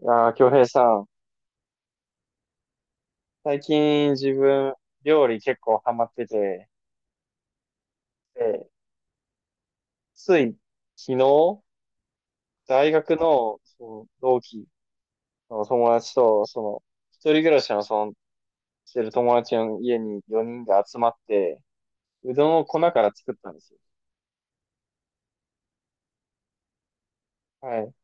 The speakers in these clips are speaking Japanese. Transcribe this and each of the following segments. いやー、京平さん、最近自分、料理結構ハマってて、で、つい昨日、大学の、同期の友達と、一人暮らしの、してる友達の家に4人で集まって、うどんを粉から作ったんですよ。はい。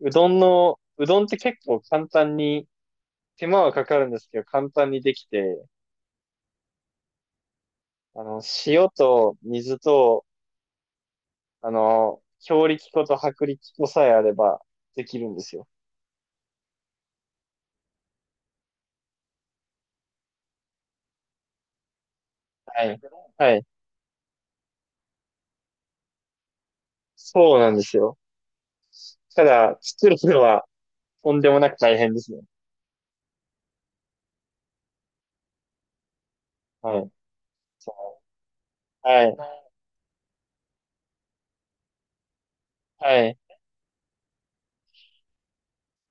うどんって結構簡単に、手間はかかるんですけど、簡単にできて、塩と水と、強力粉と薄力粉さえあればできるんですよ。はい。はい。そうなんですよ。ただ、作るのはとんでもなく大変ですね。はい。はい。はい。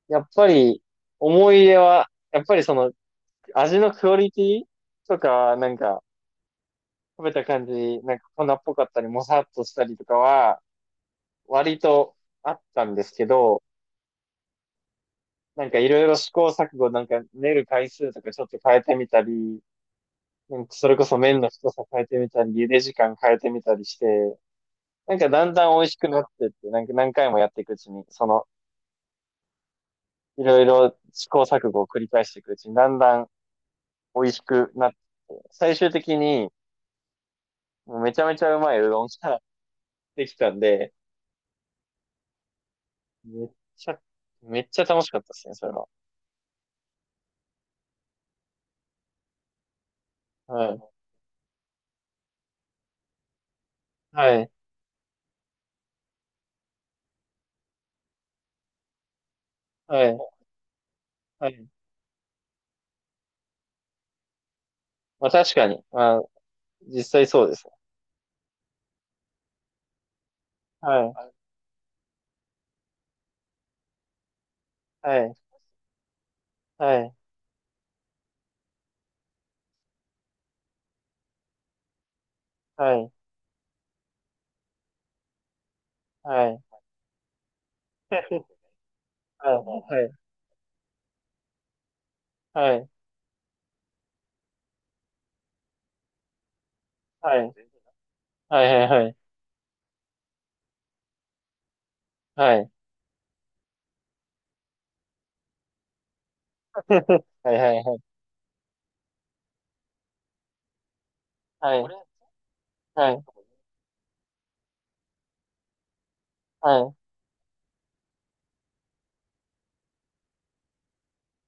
やっぱり、思い出は、やっぱり味のクオリティとか、なんか、食べた感じ、なんか粉っぽかったり、もさっとしたりとかは、割とあったんですけど、なんかいろいろ試行錯誤、なんか練る回数とかちょっと変えてみたり、なんかそれこそ麺の太さ変えてみたり、茹で時間変えてみたりして、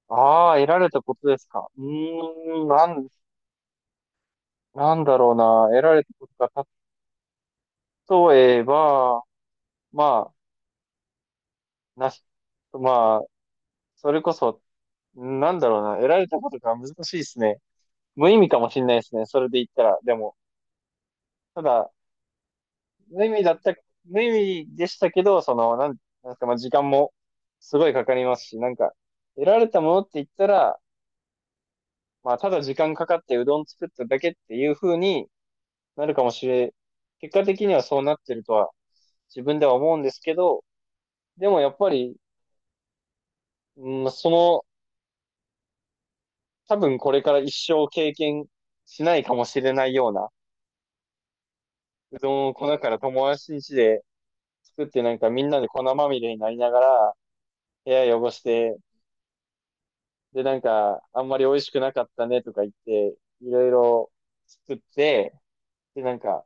ああ、得られたことですか。なんだろうな。得られたことか。例えば、まあ、なし、まあ、それこそ、なんだろうな。得られたことが難しいですね。無意味かもしれないですね。それで言ったら。でも、ただ、無意味だった、無意味でしたけど、なんですか、まあ、時間もすごいかかりますし、なんか、得られたものって言ったら、まあ、ただ時間かかってうどん作っただけっていう風になるかもしれ、結果的にはそうなってるとは自分では思うんですけど、でもやっぱり、うん、その、多分これから一生経験しないかもしれないような、うどんを粉から友達ん家で作ってなんかみんなで粉まみれになりながら、部屋汚して、でなんか、あんまり美味しくなかったねとか言って、いろいろ作って、でなんか、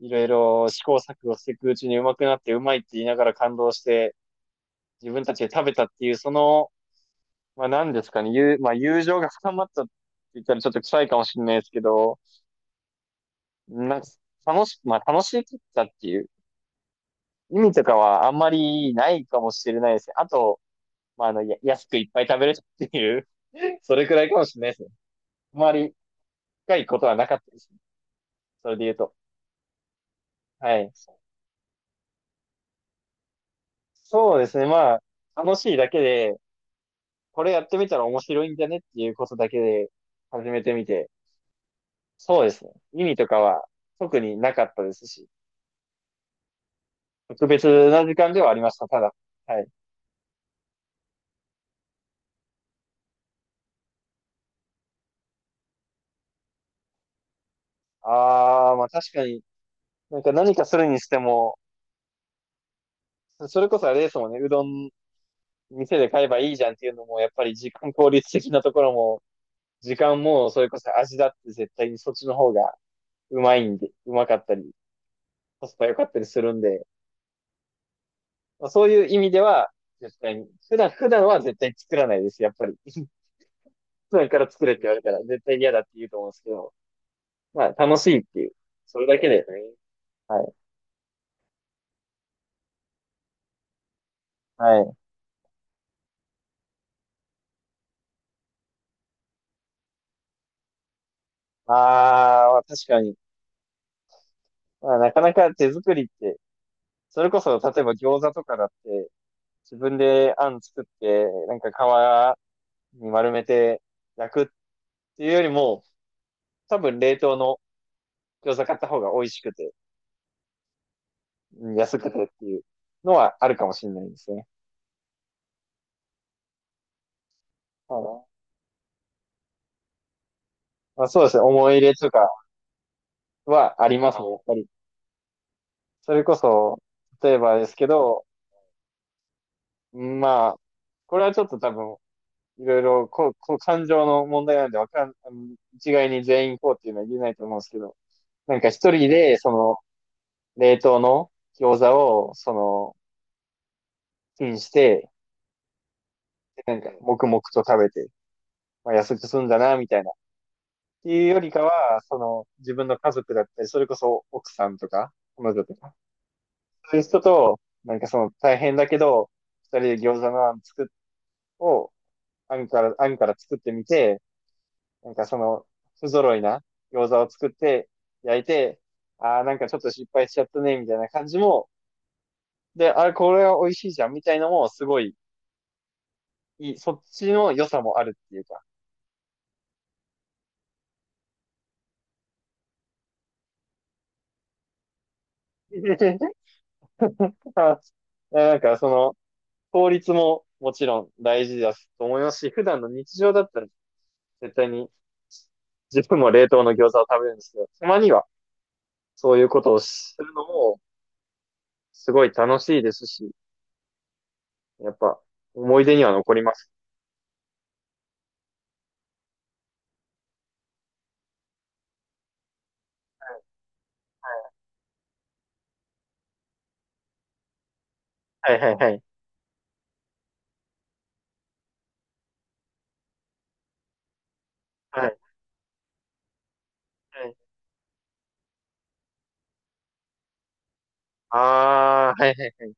いろいろ試行錯誤していくうちにうまくなってうまいって言いながら感動して、自分たちで食べたっていう、その、まあ何ですかね、まあ、友情が深まったって言ったらちょっと臭いかもしれないですけど、なんか楽し、まあ楽しかったっていう意味とかはあんまりないかもしれないですね。あと、まあ安くいっぱい食べれたっていう それくらいかもしれないですね。あまり深いことはなかったですね。それで言うと。はい。そうですね、まあ楽しいだけで、これやってみたら面白いんじゃねっていうことだけで始めてみて、そうですね。意味とかは特になかったですし、特別な時間ではありました、ただ。はい。ああ、まあ確かに、なんか何かするにしても、それこそあれですもんね、うどん店で買えばいいじゃんっていうのも、やっぱり時間効率的なところも、時間もそれこそ味だって絶対にそっちの方がうまいんで、うまかったり、コスパ良かったりするんで、まあ、そういう意味では、絶対に、普段は絶対作らないです、やっぱり。普段から作れって言われたら絶対に嫌だって言うと思うんですけど、まあ楽しいっていう、それだけだよね。はい。はい。あーまあ、確かに。まあ、なかなか手作りって、それこそ、例えば餃子とかだって、自分であん作って、なんか皮に丸めて焼くっていうよりも、多分冷凍の餃子買った方が美味しくて、うん安くてっていうのはあるかもしれないですね。あのまあ、そうですね。思い入れとかはありますね、やっぱり。それこそ、例えばですけど、まあ、これはちょっと多分いろいろ、感情の問題なんで、わかん、あの一概に全員こうっていうのは言えないと思うんですけど、なんか一人で、冷凍の餃子を、チンして、なんか、黙々と食べて、まあ、痩せて済んだな、みたいな。っていうよりかは、その、自分の家族だったり、それこそ奥さんとか、彼女とか、そういう人と、なんかその、大変だけど、二人で餃子のあん作っ、を、あんから、作ってみて、なんかその、不揃いな餃子を作って焼いて、ああ、なんかちょっと失敗しちゃったね、みたいな感じも、で、あれ、これは美味しいじゃん、みたいのも、すごい、いい、そっちの良さもあるっていうか。あなんかその、効率ももちろん大事だと思いますし、普段の日常だったら絶対に自分も冷凍の餃子を食べるんですけど、たまにはそういうことをするのもすごい楽しいですし、やっぱ思い出には残りますね。はいはいはい。はい。はいああ、はいはいはい。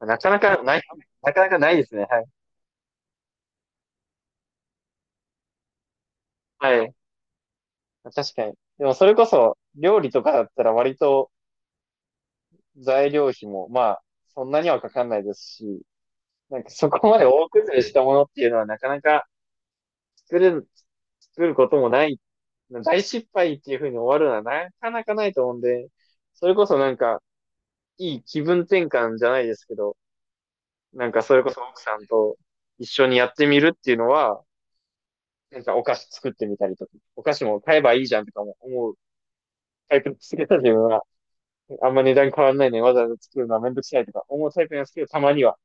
なかなかない、なかなかないですね。はい。はい。確かに。でもそれこそ、料理とかだったら割と材料費も、まあ、そんなにはかかんないですし、なんかそこまで大崩れしたものっていうのはなかなか作れる、作ることもない、大失敗っていう風に終わるのはなかなかないと思うんで、それこそなんか、いい気分転換じゃないですけど、なんかそれこそ奥さんと一緒にやってみるっていうのは、なんかお菓子作ってみたりとか、お菓子も買えばいいじゃんとかも思うタイプですけど、自分は。あんま値段変わんないのにわざわざ作るのはめんどくさいとか思うタイプなんですけど、たまには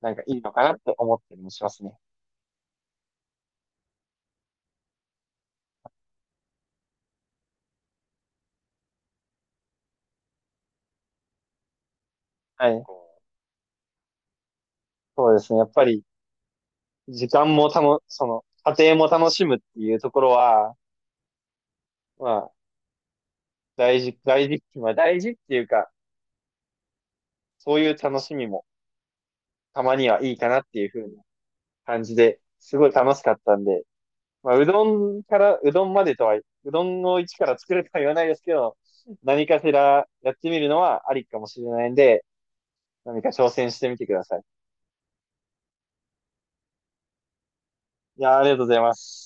なんかいいのかなって思ったりもしますね。はい。そうですね。やっぱり時間もたの、その、家庭も楽しむっていうところは、まあ、大事、大事、まあ大事っていうか、そういう楽しみもたまにはいいかなっていう風な感じで、すごい楽しかったんで、まあ、うどんから、うどんまでとは、うどんを一から作るとは言わないですけど、何かしらやってみるのはありかもしれないんで、何か挑戦してみてください。いやー、ありがとうございます。